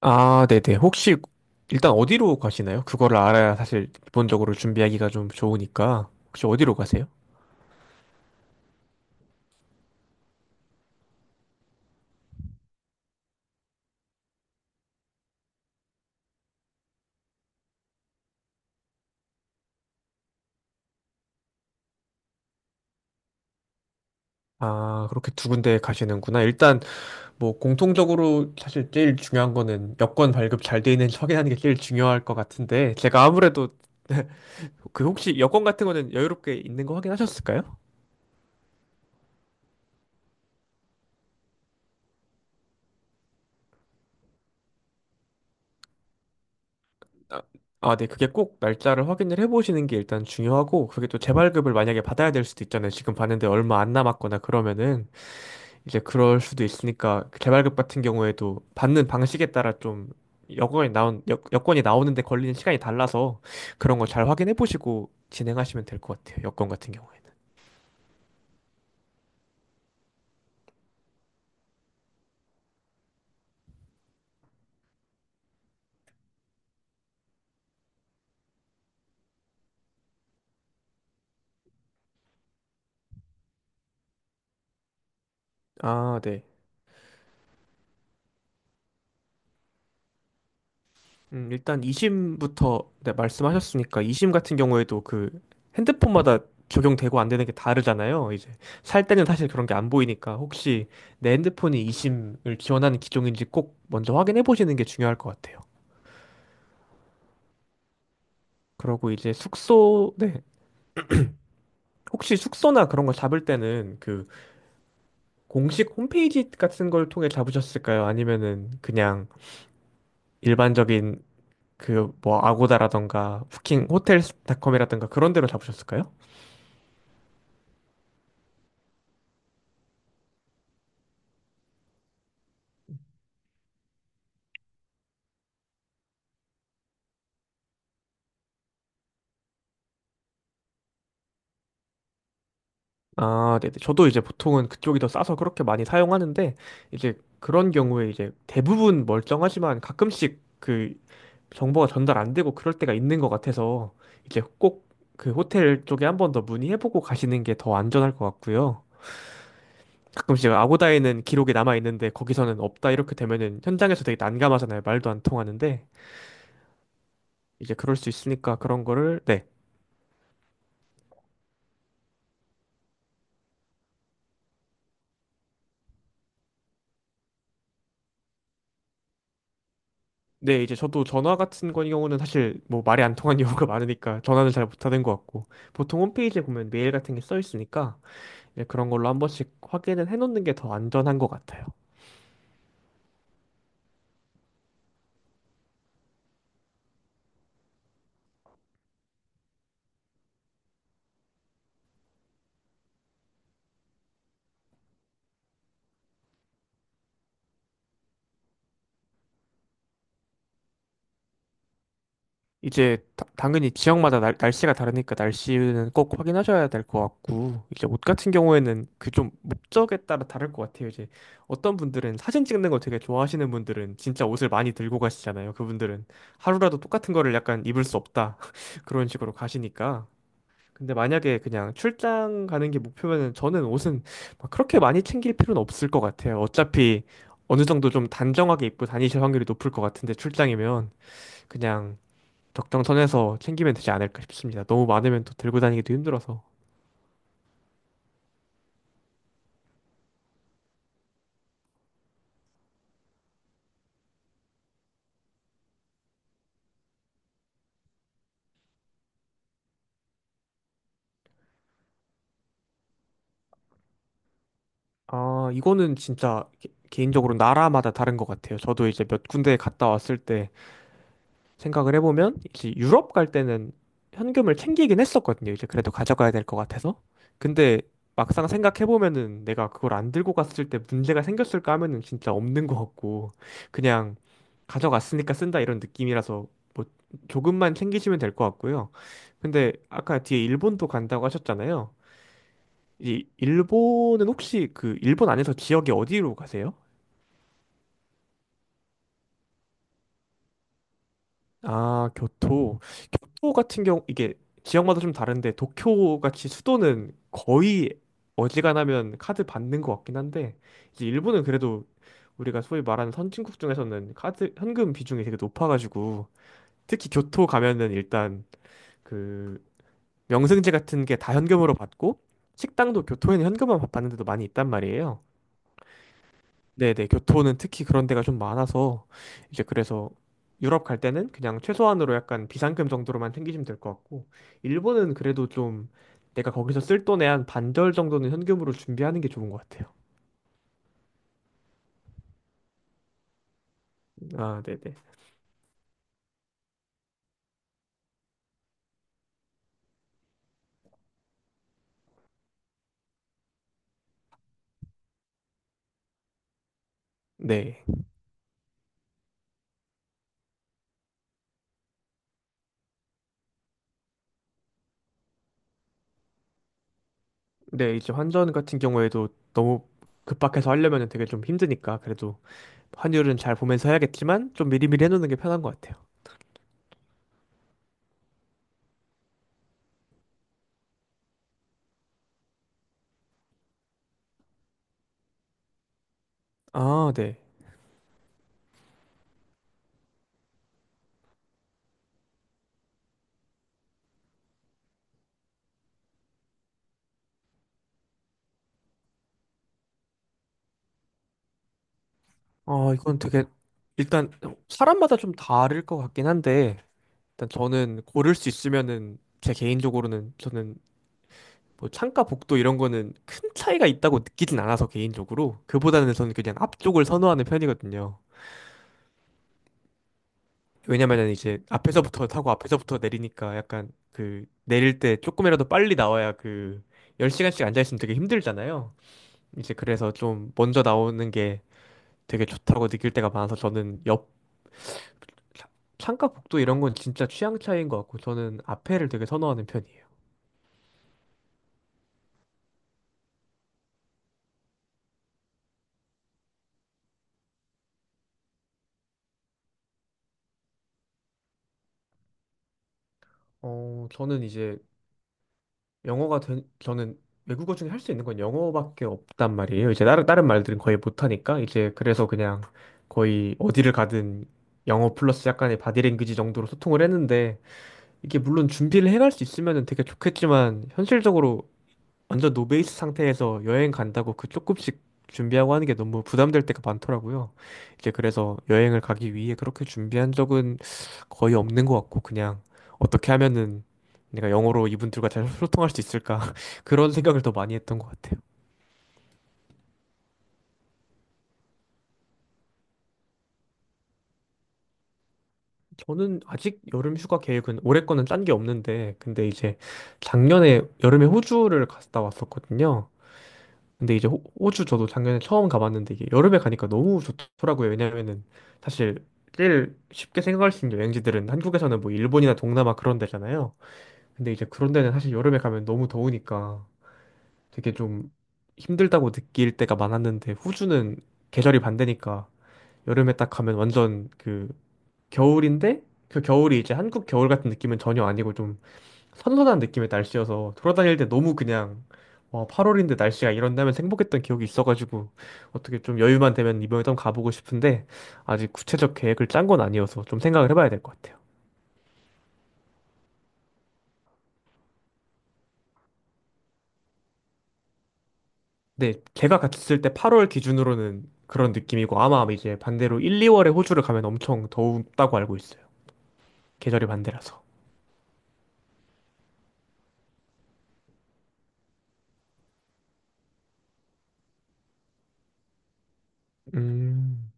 아, 네네. 혹시 일단 어디로 가시나요? 그거를 알아야 사실 기본적으로 준비하기가 좀 좋으니까. 혹시 어디로 가세요? 아, 그렇게 두 군데 가시는구나. 일단 뭐 공통적으로 사실 제일 중요한 거는 여권 발급 잘 돼 있는지 확인하는 게 제일 중요할 것 같은데 제가 아무래도 그 혹시 여권 같은 거는 여유롭게 있는 거 확인하셨을까요? 아, 아, 네. 그게 꼭 날짜를 확인을 해보시는 게 일단 중요하고 그게 또 재발급을 만약에 받아야 될 수도 있잖아요. 지금 봤는데 얼마 안 남았거나 그러면은 이제 그럴 수도 있으니까 개발급 같은 경우에도 받는 방식에 따라 좀 여건이 나온 여건이 나오는데 걸리는 시간이 달라서 그런 거 잘 확인해 보시고 진행하시면 될 것 같아요. 여건 같은 경우에는. 아, 네. 일단 2심부터 네, 말씀하셨으니까 2심 같은 경우에도 그 핸드폰마다 적용되고 안 되는 게 다르잖아요. 이제 살 때는 사실 그런 게 안 보이니까 혹시 내 핸드폰이 2심을 지원하는 기종인지 꼭 먼저 확인해 보시는 게 중요할 것 같아요. 그러고 이제 숙소, 네. 혹시 숙소나 그런 거 잡을 때는 그 공식 홈페이지 같은 걸 통해 잡으셨을까요? 아니면은 그냥 일반적인 그 뭐 아고다라던가 부킹 호텔닷컴이라던가 그런 데로 잡으셨을까요? 아, 네네. 저도 이제 보통은 그쪽이 더 싸서 그렇게 많이 사용하는데 이제 그런 경우에 이제 대부분 멀쩡하지만 가끔씩 그 정보가 전달 안 되고 그럴 때가 있는 것 같아서 이제 꼭 그 호텔 쪽에 한번 더 문의해보고 가시는 게 더 안전할 것 같고요. 가끔씩 아고다에는 기록이 남아 있는데 거기서는 없다 이렇게 되면은 현장에서 되게 난감하잖아요. 말도 안 통하는데 이제 그럴 수 있으니까 그런 거를 네. 네, 이제 저도 전화 같은 거 경우는 사실 뭐 말이 안 통한 경우가 많으니까 전화는 잘 못하는 것 같고 보통 홈페이지에 보면 메일 같은 게 써 있으니까 이제 그런 걸로 한 번씩 확인을 해놓는 게 더 안전한 것 같아요. 이제 당연히 지역마다 날씨가 다르니까 날씨는 꼭 확인하셔야 될 것 같고 이제 옷 같은 경우에는 그 좀 목적에 따라 다를 것 같아요. 이제 어떤 분들은 사진 찍는 거 되게 좋아하시는 분들은 진짜 옷을 많이 들고 가시잖아요. 그분들은 하루라도 똑같은 거를 약간 입을 수 없다 그런 식으로 가시니까. 근데 만약에 그냥 출장 가는 게 목표면은 저는 옷은 막 그렇게 많이 챙길 필요는 없을 것 같아요. 어차피 어느 정도 좀 단정하게 입고 다니실 확률이 높을 것 같은데 출장이면 그냥 적정 선에서 챙기면 되지 않을까 싶습니다. 너무 많으면 또 들고 다니기도 힘들어서. 아, 이거는 진짜 개인적으로 나라마다 다른 것 같아요. 저도 이제 몇 군데 갔다 왔을 때 생각을 해보면 이제 유럽 갈 때는 현금을 챙기긴 했었거든요. 이제 그래도 가져가야 될 것 같아서. 근데 막상 생각해보면은 내가 그걸 안 들고 갔을 때 문제가 생겼을까 하면은 진짜 없는 것 같고 그냥 가져갔으니까 쓴다 이런 느낌이라서 뭐 조금만 챙기시면 될 것 같고요. 근데 아까 뒤에 일본도 간다고 하셨잖아요. 이 일본은 혹시 그 일본 안에서 지역이 어디로 가세요? 아, 교토. 교토 같은 경우 이게 지역마다 좀 다른데 도쿄 같이 수도는 거의 어지간하면 카드 받는 것 같긴 한데 이제 일본은 그래도 우리가 소위 말하는 선진국 중에서는 카드 현금 비중이 되게 높아가지고 특히 교토 가면은 일단 그 명승지 같은 게 다 현금으로 받고 식당도 교토에는 현금만 받는 데도 많이 있단 말이에요. 네네, 교토는 특히 그런 데가 좀 많아서, 이제 그래서 유럽 갈 때는 그냥 최소한으로 약간 비상금 정도로만 챙기시면 될 것 같고, 일본은 그래도 좀 내가 거기서 쓸 돈의 한 반절 정도는 현금으로 준비하는 게 좋은 것 같아요. 아, 네네. 네. 네, 이제 환전 같은 경우에도 너무 급박해서 하려면 되게 좀 힘드니까, 그래도 환율은 잘 보면서 해야겠지만, 좀 미리미리 해놓는 게 편한 것 같아요. 아, 네. 아, 이건 되게, 일단 사람마다 좀 다를 것 같긴 한데, 일단 저는 고를 수 있으면은 제 개인적으로는 저는 뭐 창가 복도 이런 거는 큰 차이가 있다고 느끼진 않아서 개인적으로 그보다는 저는 그냥 앞쪽을 선호하는 편이거든요. 왜냐면은 이제 앞에서부터 타고 앞에서부터 내리니까 약간 그 내릴 때 조금이라도 빨리 나와야 그 10시간씩 앉아있으면 되게 힘들잖아요. 이제 그래서 좀 먼저 나오는 게 되게 좋다고 느낄 때가 많아서 저는 옆 차- 창가 복도 이런 건 진짜 취향 차이인 것 같고 저는 앞에를 되게 선호하는 편이에요. 어, 저는 이제 저는 외국어 중에 할 수 있는 건 영어밖에 없단 말이에요. 이제 다른 말들은 거의 못하니까. 이제 그래서 그냥 거의 어디를 가든 영어 플러스 약간의 바디랭귀지 정도로 소통을 했는데, 이게 물론 준비를 해갈 수 있으면 되게 좋겠지만, 현실적으로 완전 노베이스 상태에서 여행 간다고 그 조금씩 준비하고 하는 게 너무 부담될 때가 많더라고요. 이제 그래서 여행을 가기 위해 그렇게 준비한 적은 거의 없는 것 같고 그냥 어떻게 하면은 내가 영어로 이분들과 잘 소통할 수 있을까 그런 생각을 더 많이 했던 것 같아요. 저는 아직 여름 휴가 계획은 올해 거는 짠 게 없는데 근데 이제 작년에 여름에 호주를 갔다 왔었거든요. 근데 이제 호주 저도 작년에 처음 가봤는데 이게 여름에 가니까 너무 좋더라고요. 왜냐면은 사실 제일 쉽게 생각할 수 있는 여행지들은 한국에서는 뭐 일본이나 동남아 그런 데잖아요. 근데 이제 그런 데는 사실 여름에 가면 너무 더우니까 되게 좀 힘들다고 느낄 때가 많았는데 호주는 계절이 반대니까 여름에 딱 가면 완전 그 겨울인데 그 겨울이 이제 한국 겨울 같은 느낌은 전혀 아니고 선선한 느낌의 날씨여서 돌아다닐 때 너무 그냥 와, 8월인데 날씨가 이런다면 행복했던 기억이 있어가지고 어떻게 좀 여유만 되면 이번에 좀 가보고 싶은데 아직 구체적 계획을 짠 건 아니어서 좀 생각을 해봐야 될 것 같아요. 근데 제가 갔을 때 8월 기준으로는 그런 느낌이고 아마 이제 반대로 1, 2월에 호주를 가면 엄청 더웠다고 알고 있어요. 계절이 반대라서. 음,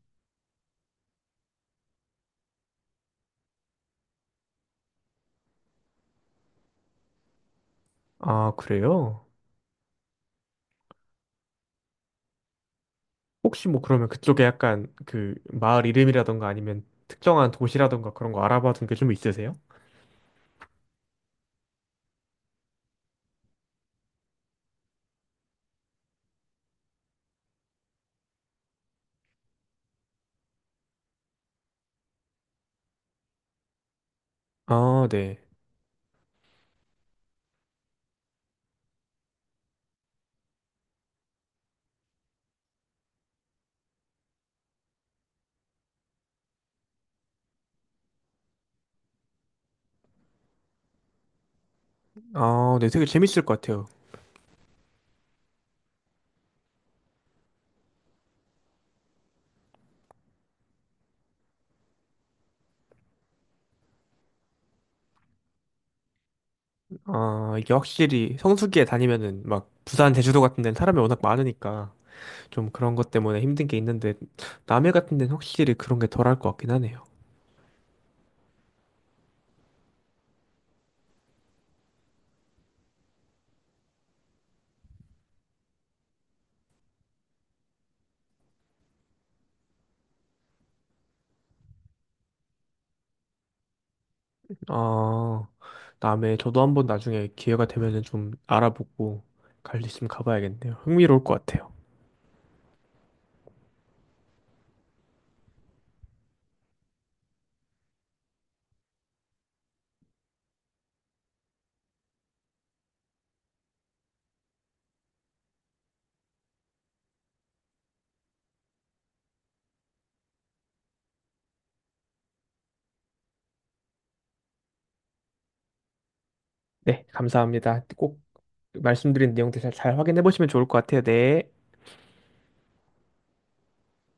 아, 그래요? 혹시 뭐 그러면 그쪽에 약간 그 마을 이름이라던가 아니면 특정한 도시라던가 그런 거 알아봐둔 게 좀 있으세요? 아, 네. 아, 네. 되게 재밌을 것 같아요. 아, 이게 확실히 성수기에 다니면은 막 부산, 제주도 같은 데는 사람이 워낙 많으니까 좀 그런 것 때문에 힘든 게 있는데 남해 같은 데는 확실히 그런 게 덜할 것 같긴 하네요. 아, 남해 저도 한번 나중에 기회가 되면은 좀 알아보고 갈 수 있으면 가봐야겠네요. 흥미로울 것 같아요. 네, 감사합니다. 꼭 말씀드린 내용들 잘 확인해 보시면 좋을 것 같아요. 네.